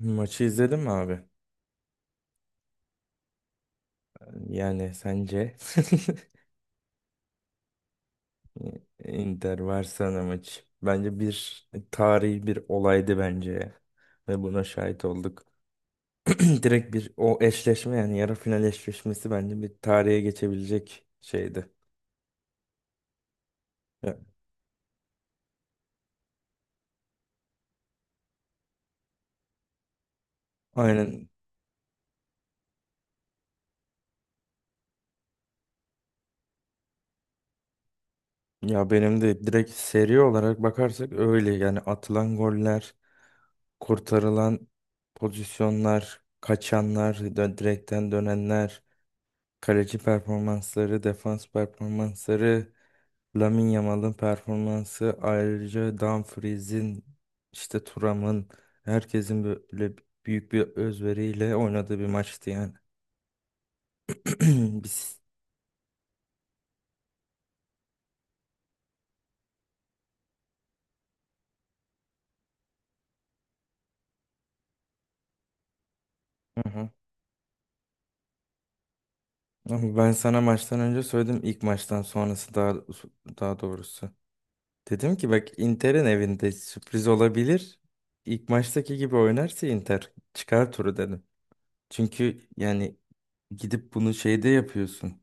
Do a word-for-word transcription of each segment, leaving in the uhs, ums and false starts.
Maçı izledin mi abi? Yani sence Inter Barcelona maçı. Bence bir tarihi bir olaydı bence ya. Ve buna şahit olduk. Direkt bir o eşleşme yani yarı final eşleşmesi bence bir tarihe geçebilecek şeydi. Ya, aynen. Ya benim de direkt seri olarak bakarsak öyle yani atılan goller, kurtarılan pozisyonlar, kaçanlar, dö- direkten dönenler. Kaleci performansları, defans performansları, Lamine Yamal'ın performansı, ayrıca Dumfries'in, işte Thuram'ın, herkesin böyle büyük bir özveriyle oynadığı bir maçtı yani. Biz. Hı hı. Ama ben sana maçtan önce söyledim ilk maçtan sonrası daha daha doğrusu. Dedim ki bak Inter'in evinde sürpriz olabilir. İlk maçtaki gibi oynarsa Inter çıkar turu dedim. Çünkü yani gidip bunu şeyde yapıyorsun.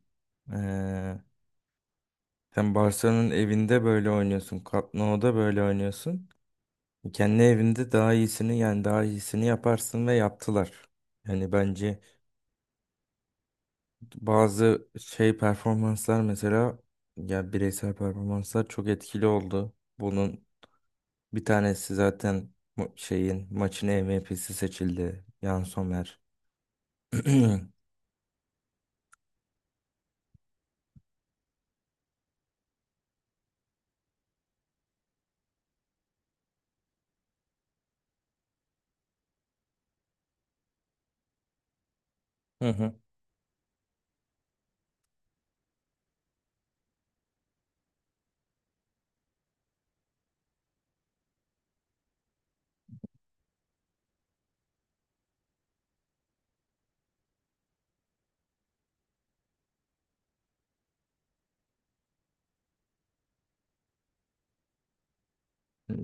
Ee, Sen Barcelona'nın evinde böyle oynuyorsun. Camp Nou'da böyle oynuyorsun. Kendi evinde daha iyisini yani daha iyisini yaparsın ve yaptılar. Yani bence bazı şey performanslar mesela ya bireysel performanslar çok etkili oldu. Bunun bir tanesi zaten ma- şeyin maçın M V P'si seçildi. Yann Sommer. Hı hı.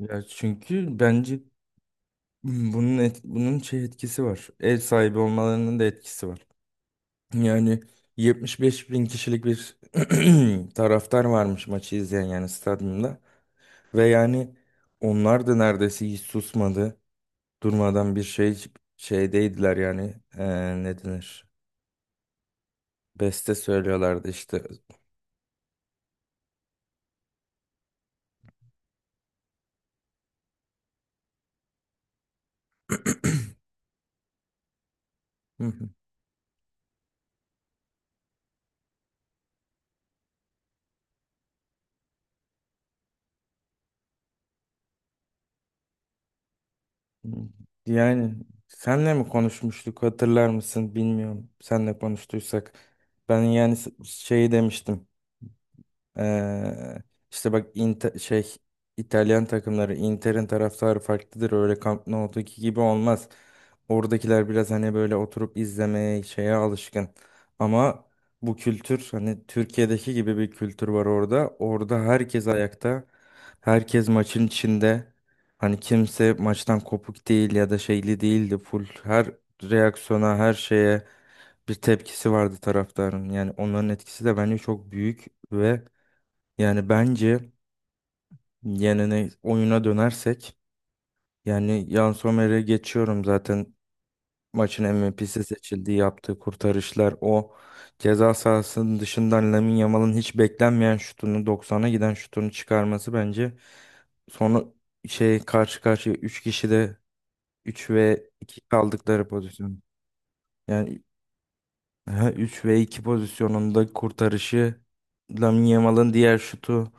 Ya çünkü bence Hmm, bunun et- bunun şey etkisi var. Ev sahibi olmalarının da etkisi var. Yani yetmiş beş bin kişilik bir taraftar varmış maçı izleyen yani stadyumda. Ve yani onlar da neredeyse hiç susmadı. Durmadan bir şey şeydeydiler yani. Ee, ne denir? Beste söylüyorlardı işte. Hı hı. Yani senle mi konuşmuştuk hatırlar mısın bilmiyorum. Senle konuştuysak ben yani s- şey demiştim. Ee, işte bak İnte- şey İtalyan takımları Inter'in taraftarı farklıdır. Öyle Camp Nou'daki gibi olmaz. Oradakiler biraz hani böyle oturup izlemeye şeye alışkın. Ama bu kültür hani Türkiye'deki gibi bir kültür var orada. Orada herkes ayakta. Herkes maçın içinde. Hani kimse maçtan kopuk değil ya da şeyli değildi. Full her reaksiyona, her şeye bir tepkisi vardı taraftarın. Yani onların etkisi de bence çok büyük ve yani bence yenene oyuna dönersek yani Yann Sommer'e geçiyorum zaten maçın M V P'si seçildi yaptığı kurtarışlar o ceza sahasının dışından Lamine Yamal'ın hiç beklenmeyen şutunu doksan'a giden şutunu çıkarması bence sonra şey karşı karşıya üç kişi de üç ve iki kaldıkları pozisyon yani üç ve iki pozisyonunda kurtarışı Lamine Yamal'ın diğer şutu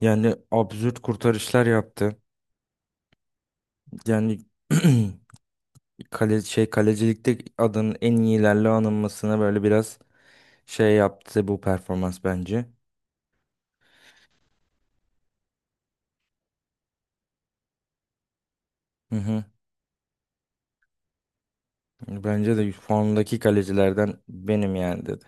yani absürt kurtarışlar yaptı. Yani kale, şey kalecilikte adının en iyilerle anılmasına böyle biraz şey yaptı bu performans bence. Hı hı. Bence de formdaki kalecilerden benim yani dedi.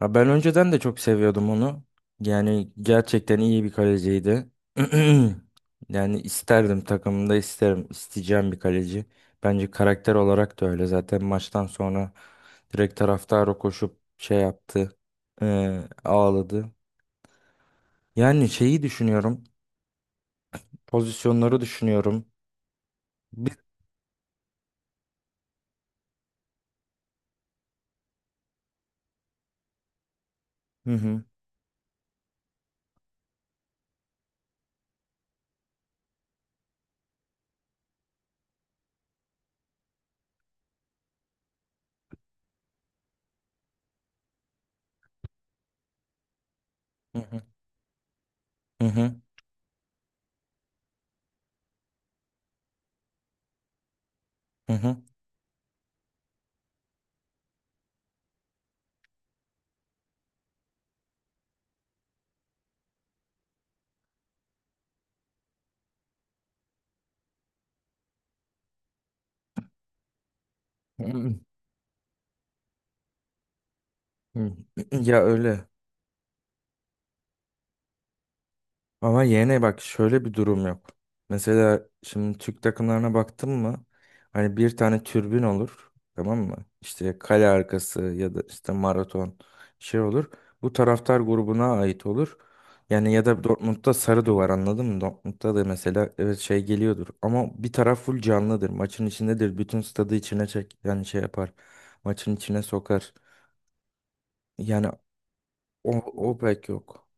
Ya ben önceden de çok seviyordum onu. Yani gerçekten iyi bir kaleciydi. Yani isterdim takımımda isterim. İsteyeceğim bir kaleci. Bence karakter olarak da öyle. Zaten maçtan sonra direkt taraftara koşup şey yaptı. Eee, ağladı. Yani şeyi düşünüyorum. Pozisyonları düşünüyorum. Bi- Hı hı. Hı hı. Hı hı. Hı hı. Hı hı. Ya öyle. Ama yine bak şöyle bir durum yok. Mesela şimdi Türk takımlarına baktın mı? Hani bir tane türbün olur. Tamam mı? İşte kale arkası ya da işte maraton şey olur. Bu taraftar grubuna ait olur. Yani ya da Dortmund'da sarı duvar anladın mı? Dortmund'da da mesela evet şey geliyordur. Ama bir taraf full canlıdır. Maçın içindedir. Bütün stadı içine çek yani şey yapar. Maçın içine sokar. Yani o, o pek yok.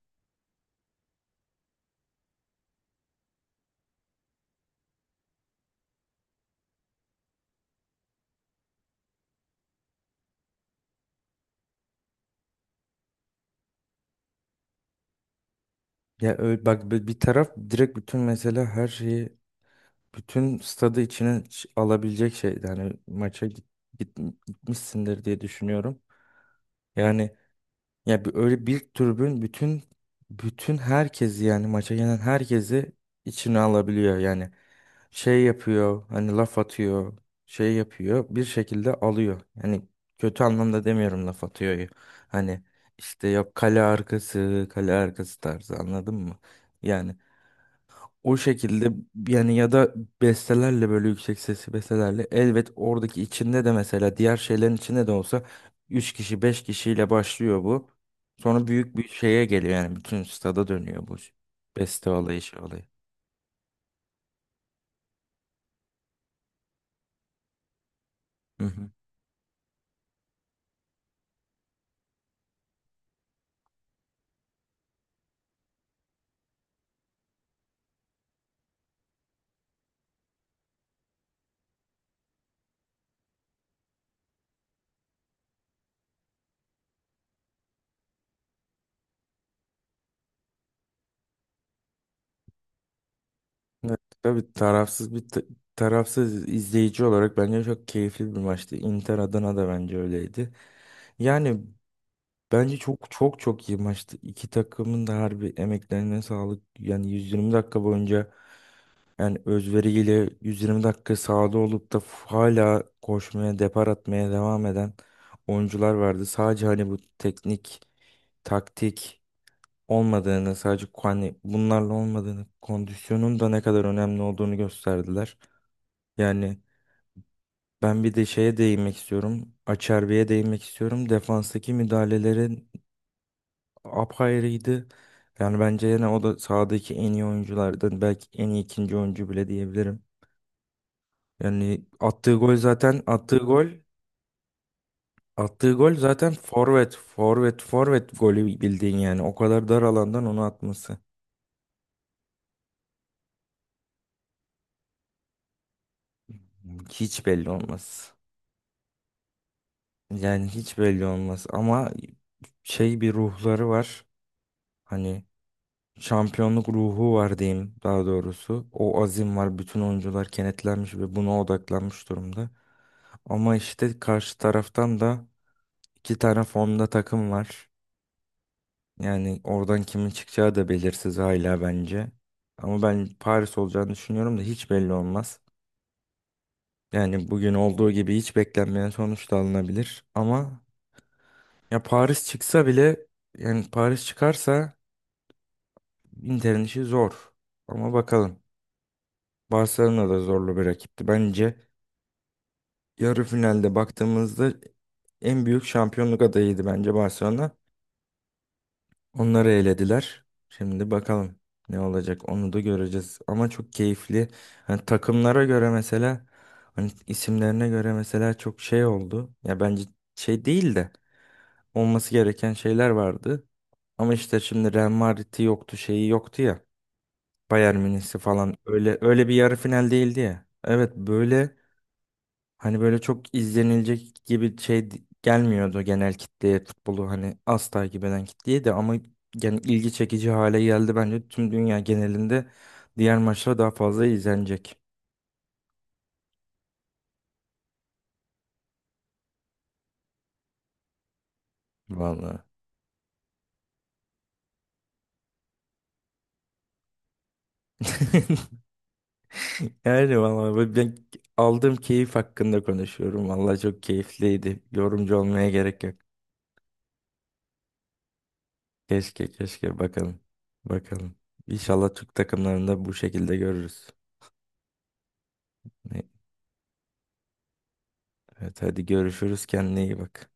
Ya öyle, bak bir bir taraf direkt bütün mesela her şeyi bütün stadı içine ç- alabilecek şey yani maça git, git- gitmişsindir diye düşünüyorum. Yani ya bir, öyle bir tribün bütün bütün herkesi yani maça gelen herkesi içine alabiliyor yani şey yapıyor hani laf atıyor şey yapıyor bir şekilde alıyor. Yani kötü anlamda demiyorum laf atıyor hani işte yok kale arkası kale arkası tarzı anladın mı? Yani o şekilde yani ya da bestelerle böyle yüksek sesli bestelerle elbet oradaki içinde de mesela diğer şeylerin içinde de olsa üç kişi beş kişiyle başlıyor bu. Sonra büyük bir şeye geliyor yani bütün stada dönüyor bu beste olayı şey olayı. Hı hı. Evet, tabii tarafsız bir ta- tarafsız izleyici olarak bence çok keyifli bir maçtı. Inter Adana da bence öyleydi. Yani bence çok çok çok iyi maçtı. İki takımın da harbi emeklerine sağlık. Yani yüz yirmi dakika boyunca yani özveriyle yüz yirmi dakika sahada olup da f- hala koşmaya, depar atmaya devam eden oyuncular vardı. Sadece hani bu teknik, taktik olmadığını, sadece hani bunlarla olmadığını, kondisyonun da ne kadar önemli olduğunu gösterdiler. Yani ben bir de şeye değinmek istiyorum. Açerbi'ye değinmek istiyorum. Defanstaki müdahalelerin apayrıydı. Yani bence yine o da sahadaki en iyi oyunculardan belki en iyi ikinci oyuncu bile diyebilirim. Yani attığı gol zaten attığı gol attığı gol zaten forvet forvet forvet golü bildiğin yani o kadar dar alandan onu atması hiç belli olmaz. Yani hiç belli olmaz ama şey bir ruhları var. Hani şampiyonluk ruhu var diyeyim daha doğrusu. O azim var bütün oyuncular kenetlenmiş ve buna odaklanmış durumda. Ama işte karşı taraftan da iki tane formda takım var. Yani oradan kimin çıkacağı da belirsiz hala bence. Ama ben Paris olacağını düşünüyorum da hiç belli olmaz. Yani bugün olduğu gibi hiç beklenmeyen sonuç da alınabilir. Ama ya Paris çıksa bile yani Paris çıkarsa Inter'in işi zor. Ama bakalım. Barcelona da zorlu bir rakipti. Bence yarı finalde baktığımızda en büyük şampiyonluk adayıydı bence Barcelona. Onları elediler. Şimdi bakalım ne olacak onu da göreceğiz. Ama çok keyifli. Hani takımlara göre mesela hani isimlerine göre mesela çok şey oldu. Ya bence şey değil de olması gereken şeyler vardı. Ama işte şimdi Real Madrid'i yoktu, şeyi yoktu ya. Bayern Münih'si falan öyle öyle bir yarı final değildi ya. Evet böyle hani böyle çok izlenilecek gibi şey d- gelmiyordu genel kitleye futbolu hani az takip eden kitleye de ama yani ilgi çekici hale geldi bence tüm dünya genelinde diğer maçlar daha fazla izlenecek. Vallahi. Yani vallahi ben aldığım keyif hakkında konuşuyorum. Vallahi çok keyifliydi. Yorumcu olmaya gerek yok. Keşke keşke bakalım. Bakalım. İnşallah Türk takımlarında bu şekilde görürüz. Ne- Evet hadi görüşürüz. Kendine iyi bak.